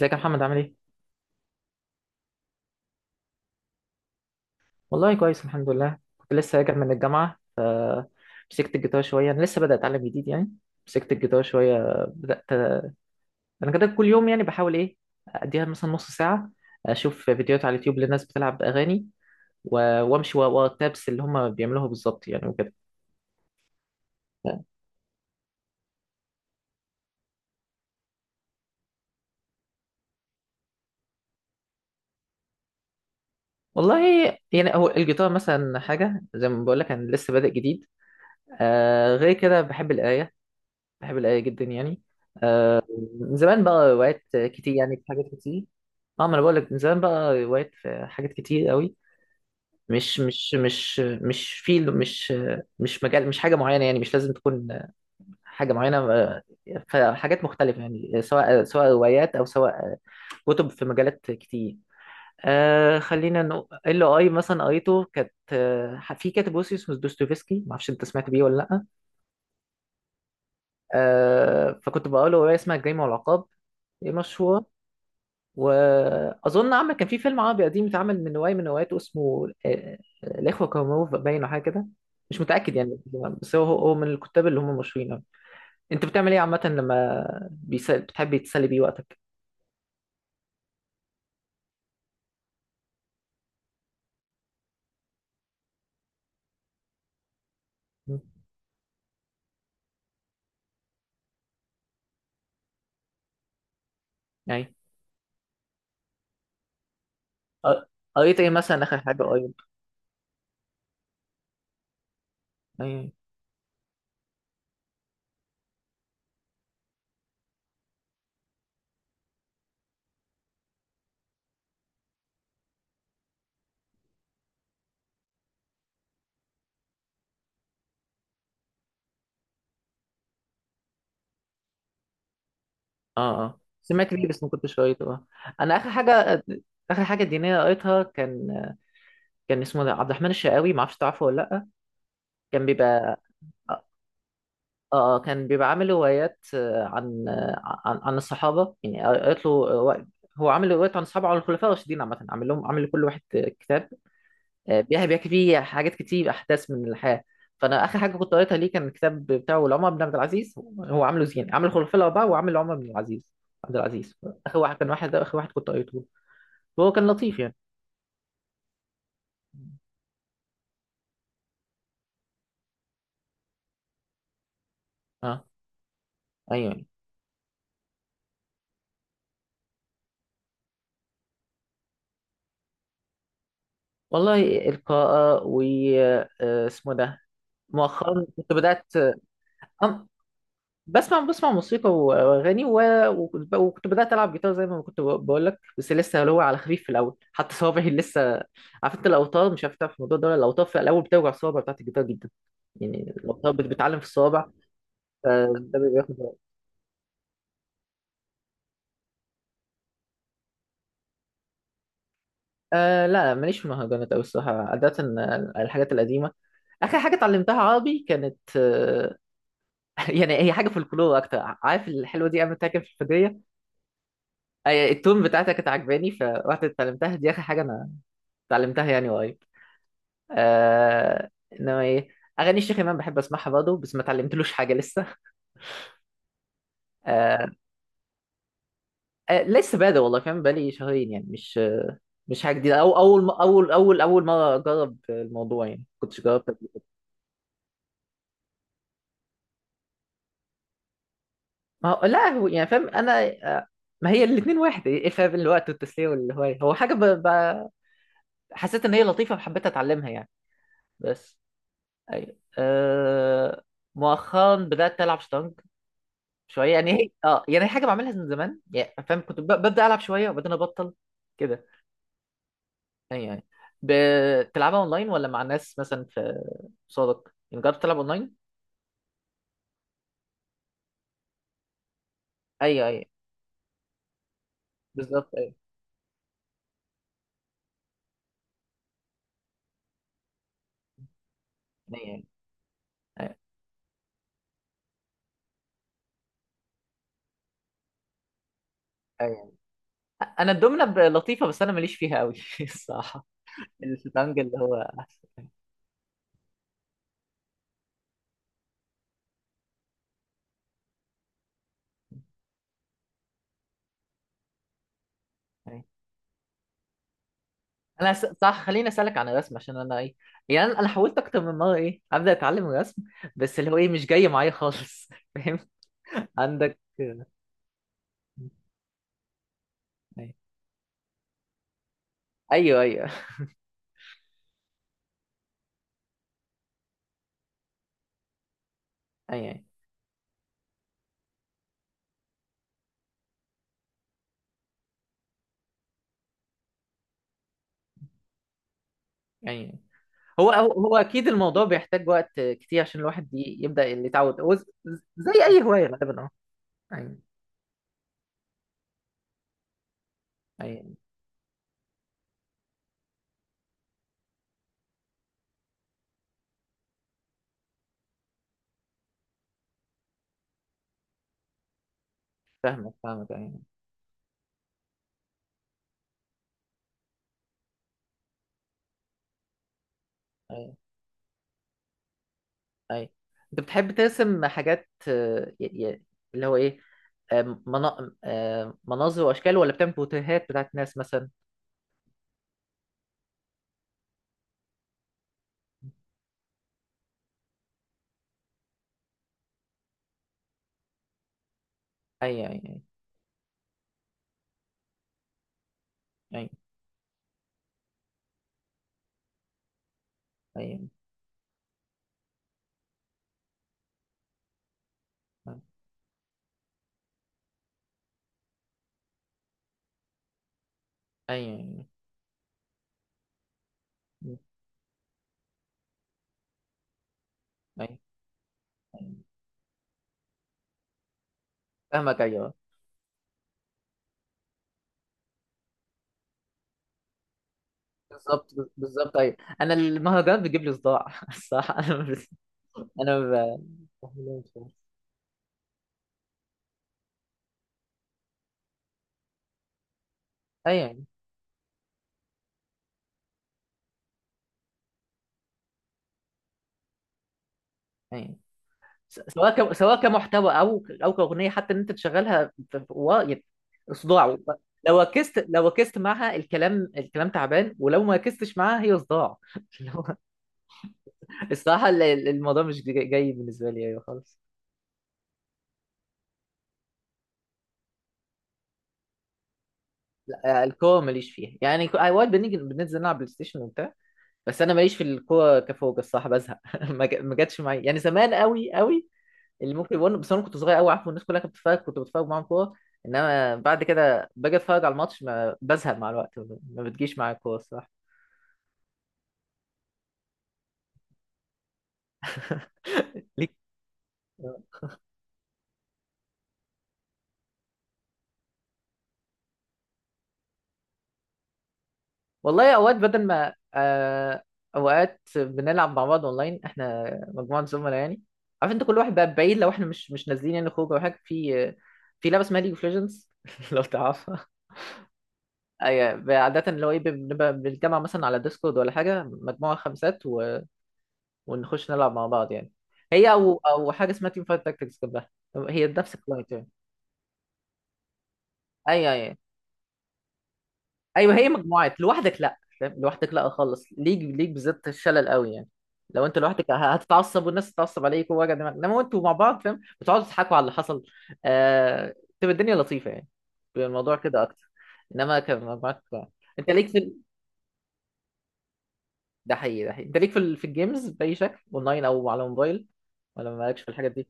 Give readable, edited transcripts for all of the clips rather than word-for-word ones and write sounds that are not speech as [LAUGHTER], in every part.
ازيك يا محمد عامل ايه؟ والله كويس الحمد لله. كنت لسه راجع من الجامعة فمسكت الجيتار شوية. أنا لسه بدأت أتعلم جديد يعني. مسكت الجيتار شوية، بدأت. أنا كده كل يوم يعني بحاول إيه، أديها مثلا نص ساعة، أشوف فيديوهات على اليوتيوب للناس بتلعب أغاني، و- وأمشي ورا ورا التابس اللي هما بيعملوها بالظبط يعني وكده. والله يعني هو الجيتار مثلا حاجة زي ما بقول لك، أنا لسه بادئ جديد. آه، غير كده بحب القراية، بحب القراية جدا يعني. آه، من زمان بقى وقعت كتير يعني في حاجات كتير. اه، ما انا بقول لك، من زمان بقى وقعت في حاجات كتير قوي. مش مجال، مش حاجة معينة يعني، مش لازم تكون حاجة معينة. آه، فحاجات مختلفة يعني، سواء روايات او سواء كتب في مجالات كتير. آه، خلينا نقول ال اي مثلا قريته كانت، في كاتب روسي اسمه دوستويفسكي، ما اعرفش انت سمعت بيه ولا لا. آه، فكنت بقرا رواية اسمها الجريمة والعقاب، هي مشهورة. وأظن عمل كان في فيلم عربي قديم اتعمل من رواية من رواياته اسمه الإخوة كارامازوف باين أو حاجة كده، مش متأكد يعني. بس هو من الكتاب اللي هم مشهورين أوي. أنت بتعمل إيه عامة لما بتحب تسلي بيه وقتك؟ م. يعني قر- قريت إيه مثلا آخر حاجة قريت؟ أي-. آه آه، سمعت ليه بس ما كنتش قريته. آه، أنا آخر حاجة، آخر حاجة دينية قريتها كان، كان اسمه ده عبد الرحمن الشقاوي، ما اعرفش تعرفه ولا لأ. كان بيبقى. اه، آه، كان بيبقى عامل روايات، آه، عن، عن الصحابه يعني. قريت له رواية-. هو عامل روايات عن الصحابه، عن الخلفاء الراشدين عامه. عامل لهم، عامل لكل واحد آه، كتاب، بيحكي فيه حاجات كتير، احداث من الحياه. فانا اخر حاجه كنت قريتها ليه كان الكتاب بتاعه لعمر بن عبد العزيز. هو عامله زين، عامل الخلفاء الاربعه، وعامل عمر بن العزيز، عبد العزيز. اخر واحد كان واحد، ده اخر واحد كنت قريته. هو كان لطيف يعني. اه. ايوه، والله القراءه و آه، اسمه ده، مؤخرا كنت بدات. أم- بسمع موسيقى و- واغاني، وكنت بدات العب جيتار زي ما كنت بقول لك، بس لسه اللي هو على خفيف في الاول. حتى صوابعي [LAUGHS] لسه، عارف انت الاوتار، مش عارف تعرف الموضوع ده ولا، الاوتار في الاول بتوجع الصوابع بتاعت الجيتار جدا. يعني الاوتار بتعلم في الصوابع، فده بياخد وقت. آه لا لا، ماليش في المهرجانات قوي الصراحه عاده. آه، الحاجات القديمه، اخر حاجه اتعلمتها عربي كانت آه، [LAUGHS] يعني هي حاجه في الكلور اكتر. عارف الحلوه دي عملتها كده في الفجريه؟ آه، التون بتاعتها كانت عجباني فرحت اتعلمتها. دي اخر حاجه انا اتعلمتها يعني قريب. آه. انما ايه، اغاني الشيخ امام بحب اسمعها برضه بس ما اتعلمتلوش حاجه لسه. آه. آه، لسه بادئ والله فاهم، بقالي شهرين يعني، مش آه، مش حاجه جديده او اول مره اجرب الموضوع يعني، كنتش جربت قبل. ما هو لا، هو يعني فاهم انا، آه، ما هي الاثنين واحد، ايه الفرق بين الوقت والتسليه والهوايه؟ هو حاجه حسيت ان هي لطيفه فحبيت اتعلمها يعني بس. ايوه أه... مؤخرا بدات العب شطرنج شويه. يعني هي اه، يعني هي حاجه بعملها من زمان يعني فاهم، كنت ب- ببدا العب شويه وبعدين ابطل كده. يعني يعني بتلعبها اونلاين ولا مع ناس مثلا في صادق؟ يعني جربت تلعب اونلاين؟ ايوه، ايوه. بالظبط، ايوه. ايوه ايوه ايوه انا الدومنه لطيفه بس انا ماليش فيها قوي [LAUGHS] الصراحه. الشطرنج اللي هو احسن. أيوة. انا صح، خليني اسالك عن الرسم عشان انا ايه، يعني انا أنا حاولت اكتر من مره ايه ابدا اتعلم الرسم، بس اللي هو ايه مش جاي معايا خالص [LAUGHS] فاهم. عندك. ايوه ايوه. اي اي اي. هو اكيد الموضوع بيحتاج وقت كتير عشان الواحد يبدا اللي يتعود، هو زي اي هوايه غالبا، اه. اي اي. فاهمك، فاهمك، اي. اي اي. انت بتحب ترسم حاجات آه، ي- اللي هو ايه، آه، آه، مناظر واشكال ولا بتعمل بوتيهات بتاعت ناس مثلا؟ اي اي اي. اي اي اي اي اي. أي. فاهمك، ايوه. بالظبط، بالظبط، ايوه. انا المهرجان بيجيب لي صداع [LAUGHS] الصراحه. انا ب... اي يعني. اي، س- سواء ك... سواء كمحتوى او او كاغنيه حتى ان انت تشغلها في- في- و... يعني صداع. لو ركزت، لو ركزت معاها الكلام، الكلام تعبان، ولو ما ركزتش معاها هي صداع [LAUGHS] اللي هو. الصراحه الموضوع مش جاي بالنسبه لي ايوه خالص. لا، الكوره ماليش فيها يعني. اوقات بنيجي بننزل نلعب بلاي ستيشن وبتاع، بس انا ماليش في الكوره كفوق الصراحه، بزهق [LAUGHS] ما جاتش معايا يعني زمان قوي قوي. اللي ممكن يقول بس انا كنت صغير قوي، عارف الناس كلها كانت بتتفرج كنت بتفرج معاهم كوره. انما بعد كده باجي اتفرج على الماتش ما بزهق مع الوقت، ما بتجيش معايا الكوره الصراحه. [LAUGHS] ليك. والله اوقات بدل ما آه، اوقات بنلعب مع بعض اونلاين احنا، مجموعه زملاء يعني. عارف انت كل واحد بقى بعيد، لو احنا مش نازلين يعني خروج او حاجه، في في لعبه اسمها ليج اوف ليجندز [LAUGHS] لو تعرفها. اي. عاده اللي هو ايه، بنبقى بنتجمع مثلا على ديسكورد ولا حاجه، مجموعه خمسات، ونخش نلعب مع بعض يعني. هي او او حاجه اسمها تيم فايت تاكتكس جنبها، هي نفس الكلاينت يعني. ايوه ايوه ايوه. هي مجموعات لوحدك لا، فاهم لوحدك لا خالص، ليك ليك بالذات الشلل قوي يعني. لو انت لوحدك هتتعصب، والناس تتعصب عليك، ووجع دماغ. انما انتوا مع بعض فاهم، بتقعدوا تضحكوا على اللي حصل. آه... تبقى الدنيا لطيفه يعني، بيبقى الموضوع كده اكتر. انما كمجموعات لا. انت ليك في ال...؟ ده حقيقي، ده حقيقي. انت ليك في ال... في الجيمز باي شكل، اونلاين او على موبايل، ولا مالكش في الحاجات دي؟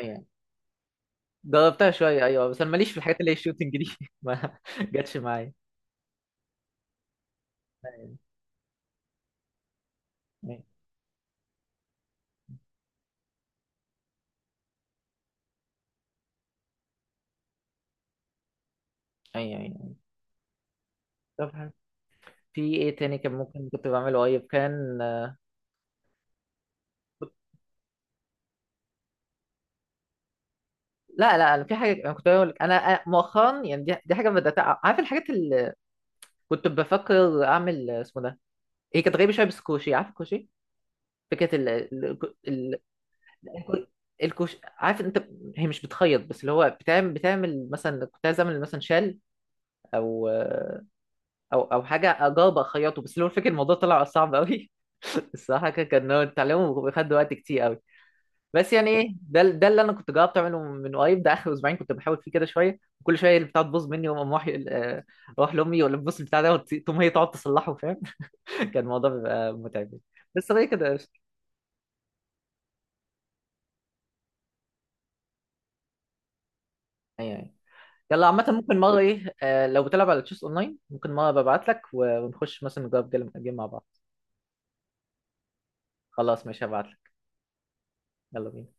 ايوه. جربتها شوية أيوة، بس أنا ماليش في الحاجات اللي هي الشوتنج دي [LAUGHS] ما جاتش معايا. أيوة، أيوة، أيوة. طب حلو. في إيه تاني كان ممكن كنت بعمله قريب، كان، لا لا، أنا في حاجة، أنا كنت بقول لك، أنا مؤخرا يعني، دي حاجة بدأت عارف الحاجات اللي كنت بفكر أعمل، اسمه ده، هي كانت غريبة شوية، بس كوشي، عارف الكوشي؟ فكرة ال الكو- الكوش، عارف أنت. هي مش بتخيط، بس اللي هو بتعمل مثلا، كنت عايز أعمل مثلا شال، أو او حاجه اجاوب اخيطه بس لو، الفكره الموضوع طلع صعب قوي [LAUGHS] الصراحه. كان هو التعليم بياخد وقت كتير قوي. بس يعني ايه، ده اللي انا كنت جربت اعمله من قريب، ده اخر اسبوعين كنت بحاول فيه كده شويه، وكل شويه البتاع تبوظ مني، واقوم رايح آه، اروح لامي ولا تبص البتاع ده، تقوم هي تقعد تصلحه فاهم، [LAUGHS] كان الموضوع بيبقى متعب. بس هو إيه، كده قشطة. ايوه، أيوة. يلا عامة، ممكن مرة ايه آه، لو بتلعب على تشيس اونلاين، ممكن مرة ببعت لك، ونخش مثلا نجرب جيم مع بعض. خلاص، ماشي، هبعت لك. يلا بينا.